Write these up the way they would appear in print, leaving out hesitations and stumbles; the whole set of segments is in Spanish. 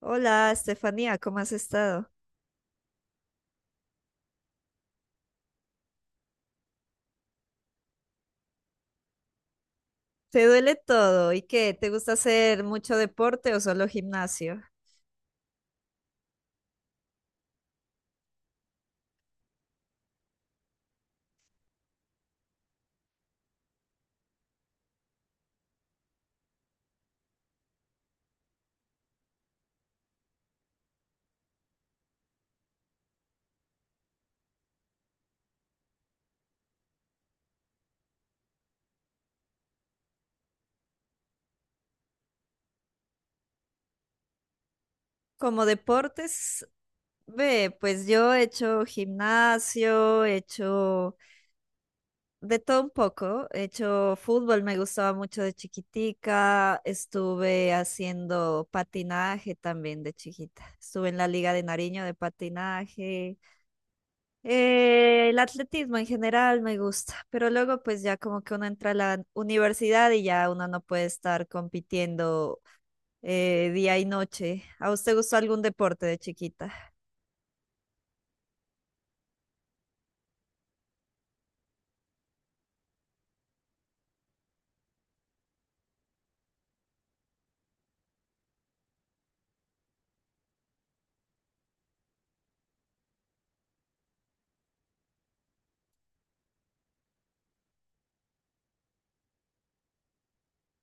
Hola, Estefanía, ¿cómo has estado? ¿Te duele todo? ¿Y qué? ¿Te gusta hacer mucho deporte o solo gimnasio? Como deportes, ve, pues yo he hecho gimnasio, he hecho de todo un poco. He hecho fútbol, me gustaba mucho de chiquitica. Estuve haciendo patinaje también de chiquita. Estuve en la Liga de Nariño de patinaje. El atletismo en general me gusta, pero luego pues ya como que uno entra a la universidad y ya uno no puede estar compitiendo día y noche. ¿A usted gustó algún deporte de chiquita?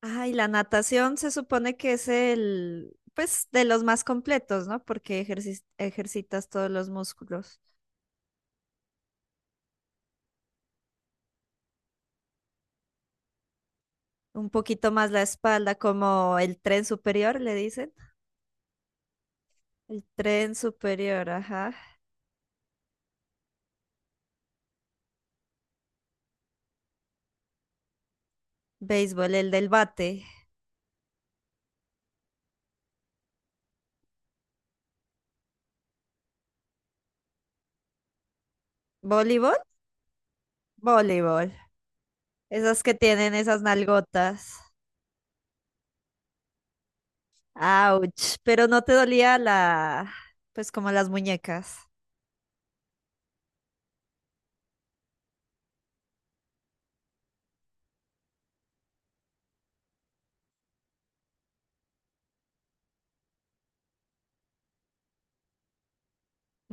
Ay, la natación se supone que es el, pues de los más completos, ¿no? Porque ejercitas todos los músculos. Un poquito más la espalda, como el tren superior, le dicen. El tren superior, ajá. Béisbol, el del bate. ¿Voleibol? Voleibol. Esas que tienen esas nalgotas. Ouch. Pero no te dolía la, pues como las muñecas.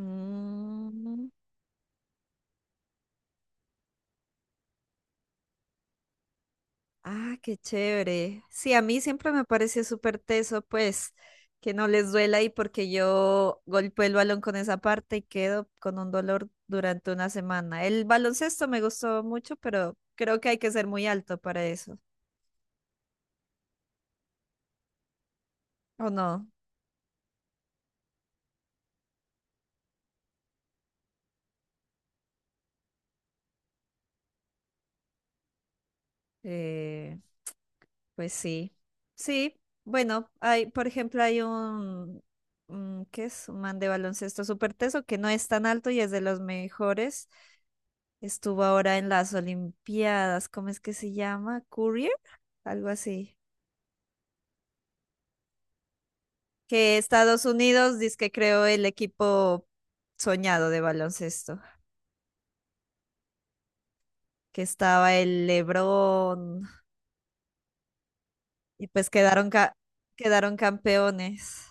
Mm. Ah, qué chévere. Sí, a mí siempre me pareció súper teso, pues, que no les duela, y porque yo golpeo el balón con esa parte y quedo con un dolor durante una semana. El baloncesto me gustó mucho, pero creo que hay que ser muy alto para eso. ¿O no? Eh, Pues sí, sí. Bueno, hay, por ejemplo, hay un, ¿qué es? Un man de baloncesto súper teso que no es tan alto y es de los mejores. Estuvo ahora en las Olimpiadas, ¿cómo es que se llama? Courier, algo así. Que Estados Unidos dice que creó el equipo soñado de baloncesto, que estaba el LeBron, y pues quedaron, quedaron campeones.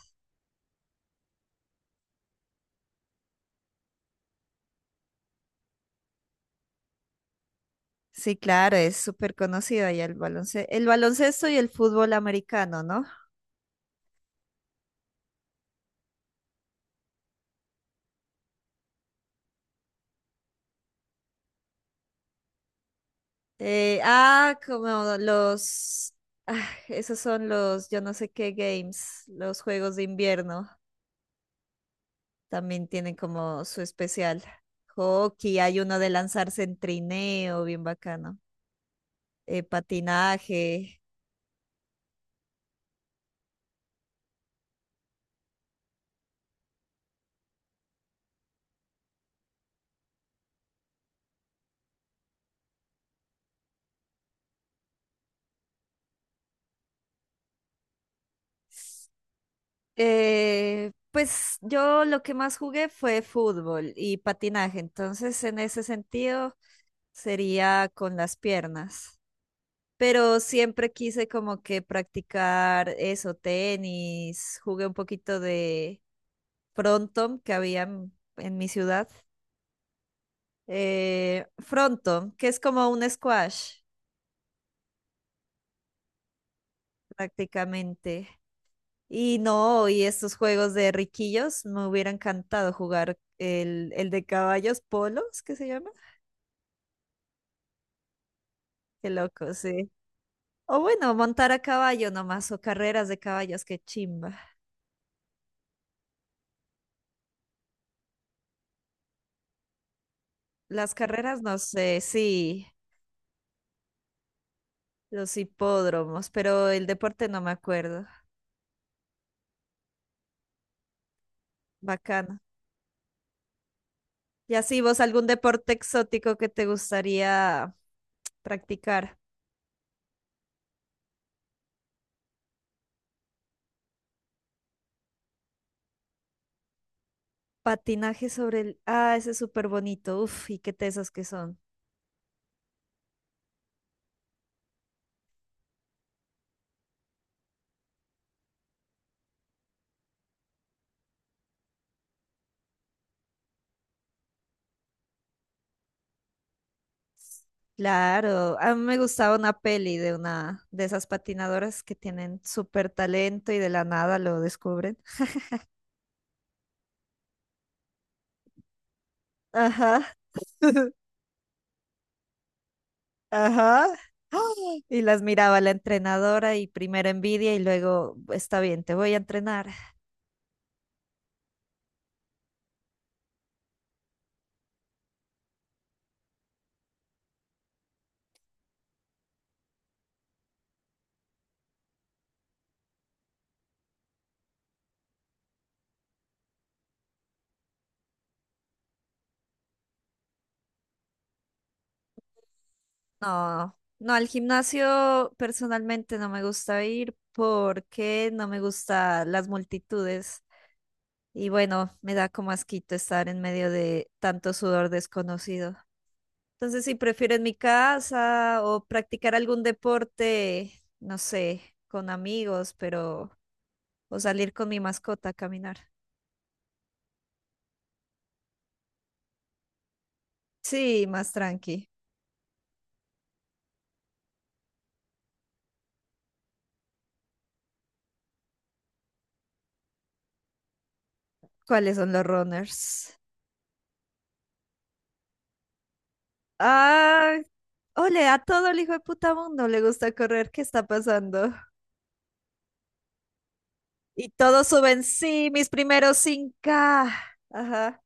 Sí, claro, es súper conocido allá el baloncesto y el fútbol americano, ¿no? Como los, ah, esos son los, yo no sé qué games, los juegos de invierno, también tienen como su especial. Hockey, hay uno de lanzarse en trineo, bien bacano. Patinaje. Pues yo lo que más jugué fue fútbol y patinaje, entonces en ese sentido sería con las piernas. Pero siempre quise como que practicar eso, tenis, jugué un poquito de frontón que había en mi ciudad. Frontón, que es como un squash prácticamente. Y no, y estos juegos de riquillos, me hubiera encantado jugar el de caballos polos, ¿qué se llama? Qué loco, sí. O bueno, montar a caballo nomás, o carreras de caballos, qué chimba. Las carreras, no sé, sí. Los hipódromos, pero el deporte no me acuerdo. Bacano. Y así vos, ¿algún deporte exótico que te gustaría practicar? Patinaje sobre el... Ah, ese es súper bonito. Uf, y qué tesos que son. Claro, a mí me gustaba una peli de una de esas patinadoras que tienen súper talento y de la nada lo descubren. Ajá, ajá. ¡Ah! Y las miraba la entrenadora, y primero envidia y luego, está bien, te voy a entrenar. No, no, al gimnasio personalmente no me gusta ir porque no me gustan las multitudes y bueno, me da como asquito estar en medio de tanto sudor desconocido. Entonces, si prefiero en mi casa o practicar algún deporte, no sé, con amigos, pero o salir con mi mascota a caminar. Sí, más tranqui. ¿Cuáles son los runners? Ah, ole, a todo el hijo de puta mundo le gusta correr. ¿Qué está pasando? Y todos suben, sí, mis primeros 5K. Ajá.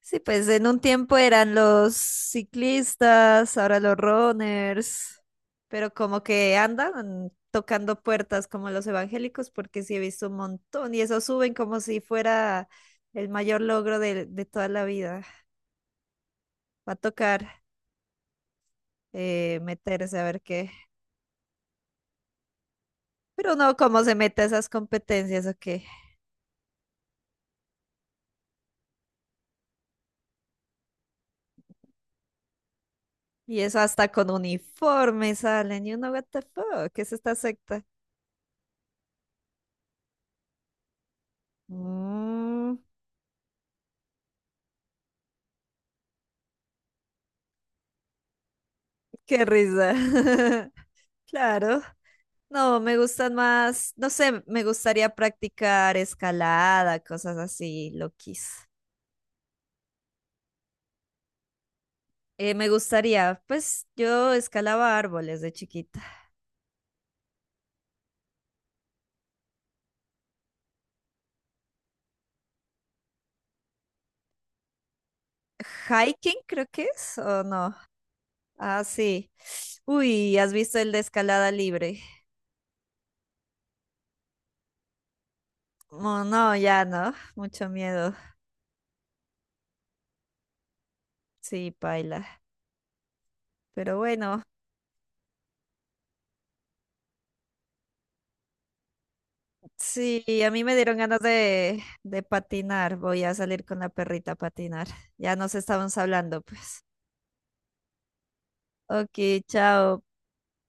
Sí, pues en un tiempo eran los ciclistas, ahora los runners, pero como que andan tocando puertas como los evangélicos, porque sí he visto un montón y eso suben como si fuera el mayor logro de toda la vida. Va a tocar meterse a ver qué. Pero uno cómo se mete a esas competencias o qué. Y eso hasta con uniforme salen y uno, what the fuck, ¿qué es esta secta? Mm, qué risa. Claro. No, me gustan más, no sé, me gustaría practicar escalada, cosas así, loquis. Me gustaría, pues yo escalaba árboles de chiquita. Hiking creo que es, ¿o no? Ah, sí. Uy, ¿has visto el de escalada libre? Oh, no, ya no, mucho miedo. Sí, paila. Pero bueno. Sí, a mí me dieron ganas de patinar. Voy a salir con la perrita a patinar. Ya nos estábamos hablando, pues. Ok, chao.